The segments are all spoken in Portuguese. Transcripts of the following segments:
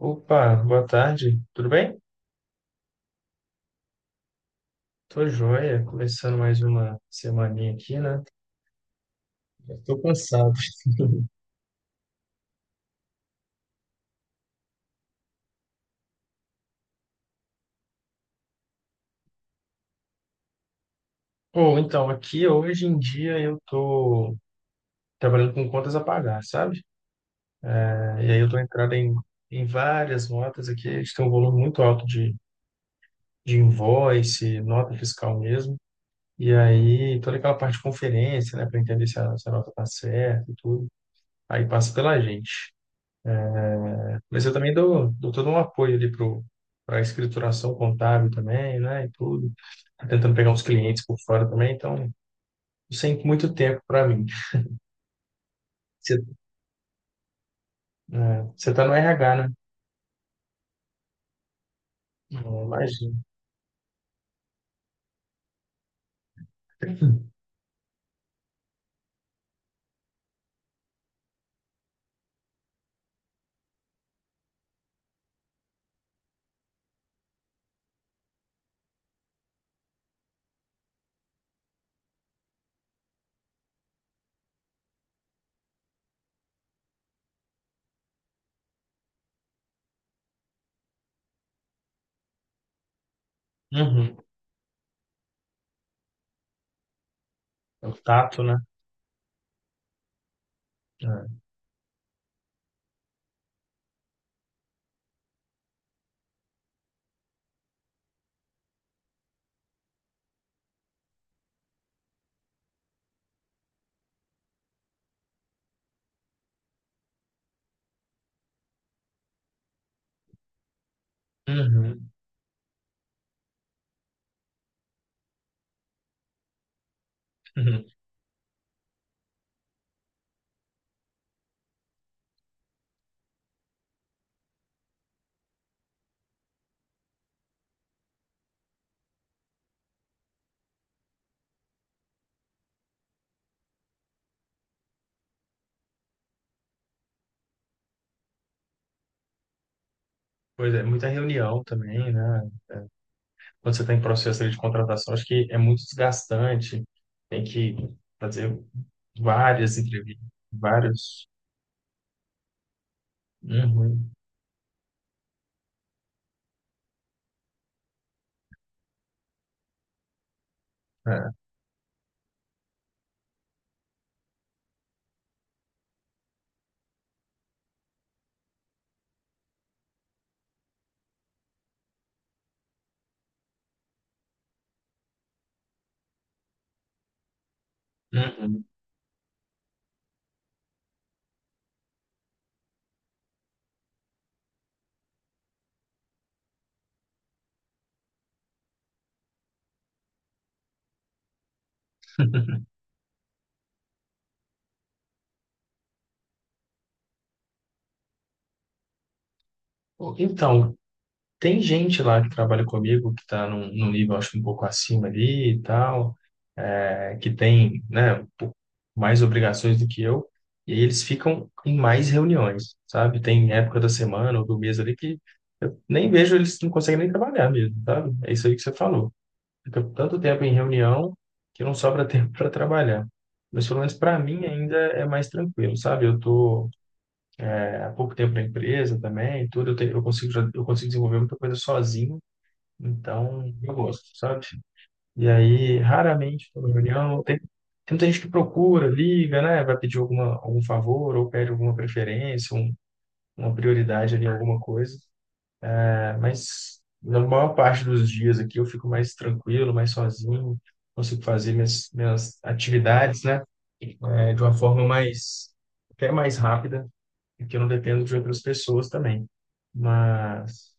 Opa, boa tarde, tudo bem? Tô joia, começando mais uma semaninha aqui, né? Já tô cansado. Pô, então, aqui hoje em dia eu tô trabalhando com contas a pagar, sabe? E aí eu tô entrando em várias notas aqui, a gente tem um volume muito alto de invoice, nota fiscal mesmo. E aí toda aquela parte de conferência, né, para entender se se a nota tá certa e tudo. Aí passa pela gente. Mas eu também dou todo um apoio ali para a escrituração contábil também, né? E tudo. Tô Tentando pegar uns clientes por fora também, então sem muito tempo para mim. Você, Você tá no RH, né? Eu imagino. Uhum. É o tato, né? É. Uhum. Uhum. Pois é, muita reunião também, né? Quando você está em processo ali de contratação, acho que é muito desgastante. Tem que fazer várias entrevistas, vários. Uhum. É. Uhum. Então, tem gente lá que trabalha comigo que está num nível, acho, que um pouco acima ali e tal, que tem, né, um pouco mais obrigações do que eu, e aí eles ficam em mais reuniões, sabe? Tem época da semana ou do mês ali que eu nem vejo, eles não conseguem nem trabalhar mesmo, sabe? É isso aí que você falou. Fica tanto tempo em reunião que não sobra tempo para trabalhar. Mas pelo menos para mim ainda é mais tranquilo, sabe? Eu tô há pouco tempo na empresa também, tudo, eu consigo, eu consigo desenvolver muita coisa sozinho então, eu gosto, sabe? E aí, raramente, estou na reunião, tem muita gente que procura, liga, né? Vai pedir algum favor ou pede alguma preferência, uma prioridade ali, alguma coisa. É, mas na maior parte dos dias aqui eu fico mais tranquilo, mais sozinho, consigo fazer minhas atividades, né? É, de uma forma mais, até mais rápida, porque eu não dependo de outras pessoas também. Mas,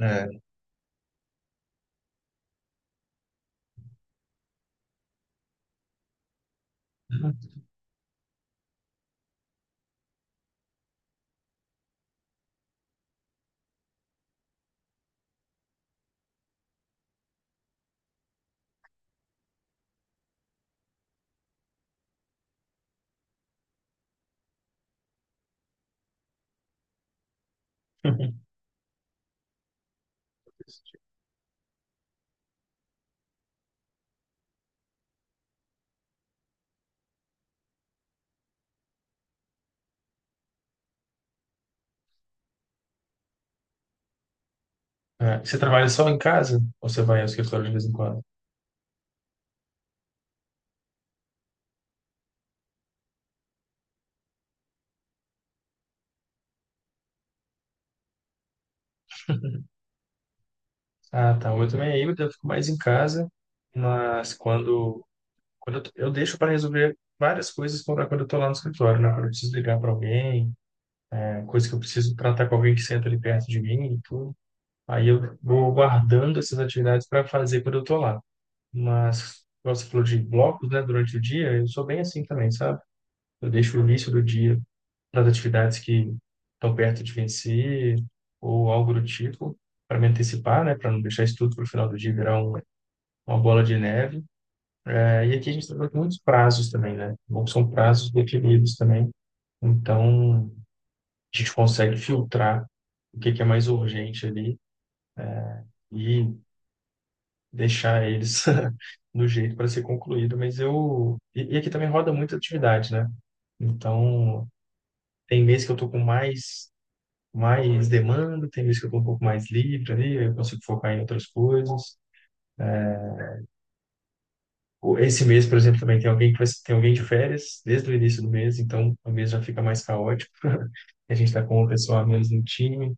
é, Ah, você trabalha só em casa? Ou você vai ao escritório de vez em quando? Ah, tá. Eu também é eu fico mais em casa, mas quando eu deixo para resolver várias coisas quando eu estou lá no escritório, né? Quando eu preciso ligar para alguém, é, coisa que eu preciso tratar com alguém que senta ali perto de mim e tudo. Aí eu vou guardando essas atividades para fazer quando eu estou lá. Mas, igual você falou de blocos, né, durante o dia, eu sou bem assim também, sabe? Eu deixo o início do dia para atividades que estão perto de vencer ou algo do tipo, para me antecipar, né, para não deixar isso tudo para o final do dia virar um, uma bola de neve. É, e aqui a gente trabalha com muitos prazos também, né? Bom, são prazos definidos também, então a gente consegue filtrar o que que é mais urgente ali e deixar eles no jeito para ser concluído. Mas eu. E aqui também roda muita atividade, né? Então, tem mês que eu tô com mais demanda, tem vezes que eu estou um pouco mais livre ali, aí eu consigo focar em outras coisas. Esse mês, por exemplo, também tem alguém que vai, tem alguém de férias desde o início do mês, então o mês já fica mais caótico. A gente está com o pessoal a menos no time,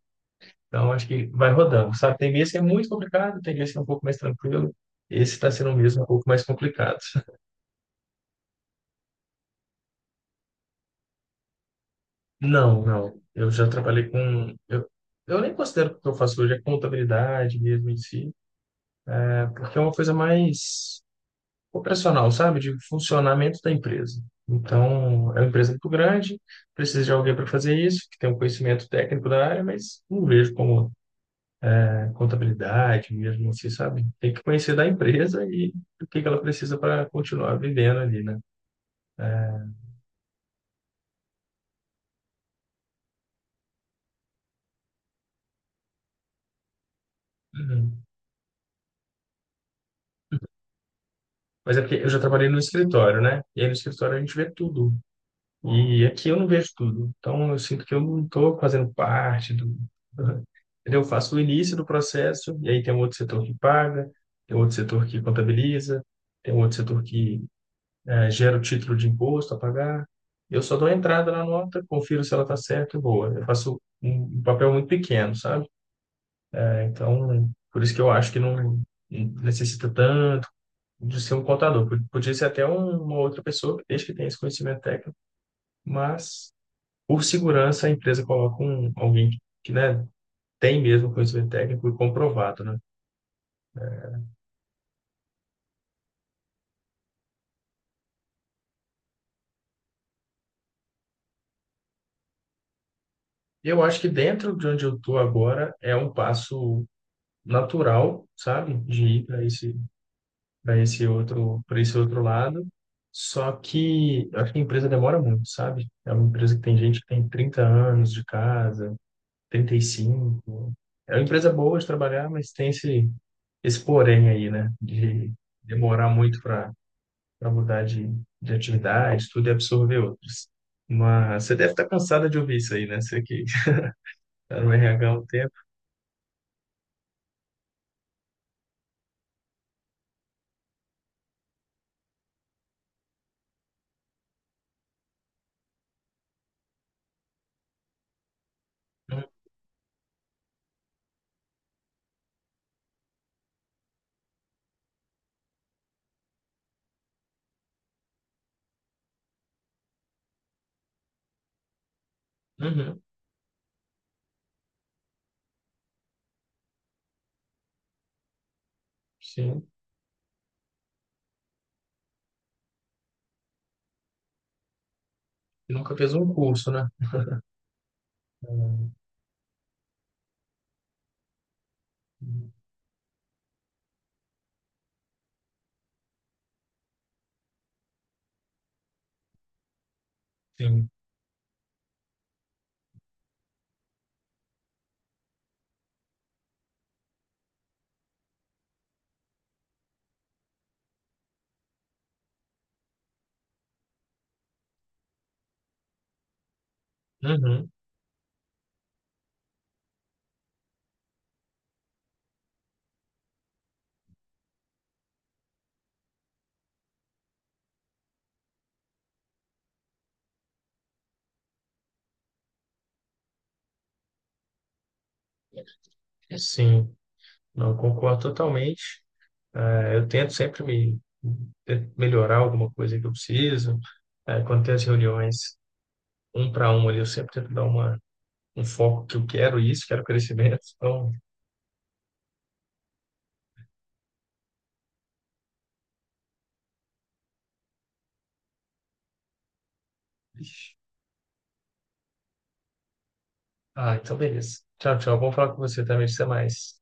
então acho que vai rodando, sabe? Tem mês que é muito complicado, tem mês que é um pouco mais tranquilo. Esse está sendo um mês um pouco mais complicado. Não, não. Eu já trabalhei com. Eu nem considero que o que eu faço hoje é contabilidade mesmo em si, né? Porque é uma coisa mais operacional, sabe? De funcionamento da empresa. Então, é uma empresa muito grande, precisa de alguém para fazer isso, que tem um conhecimento técnico da área, mas não vejo como né, contabilidade mesmo assim, sabe? Tem que conhecer da empresa e o que que ela precisa para continuar vivendo ali, né? Uhum. Mas é porque eu já trabalhei no escritório, né? E aí no escritório a gente vê tudo. E aqui eu não vejo tudo. Então, eu sinto que eu não estou fazendo parte do. Entendeu? Eu faço o início do processo, e aí tem um outro setor que paga, tem outro setor que contabiliza, tem um outro setor que gera o título de imposto a pagar. Eu só dou a entrada na nota, confiro se ela está certa e boa. Eu faço um papel muito pequeno, sabe? Então, por isso que eu acho que não necessita tanto de ser um contador. Podia ser até uma outra pessoa, desde que tenha esse conhecimento técnico, mas por segurança, a empresa coloca um, alguém que, né, tem mesmo conhecimento técnico e comprovado, né? Eu acho que dentro de onde eu estou agora é um passo natural, sabe, de ir para esse, para esse outro lado. Só que eu acho que a empresa demora muito, sabe? É uma empresa que tem gente que tem 30 anos de casa, trinta e cinco. É uma empresa boa de trabalhar, mas tem esse, esse porém aí, né? De demorar muito para mudar de atividade, tudo e absorver outras. Mas você deve estar cansada de ouvir isso aí, né? Você que está no RH há um tempo. Uhum, sim. E nunca fez um curso, né? Hum, sim. Uhum. Sim, não concordo totalmente. Eu tento sempre me melhorar alguma coisa que eu preciso. Quando tem as reuniões um para um ali, eu sempre tento dar um foco que eu quero isso, quero crescimento. Então, ah, então beleza. Tchau, tchau. Bom falar com você também. Até mais.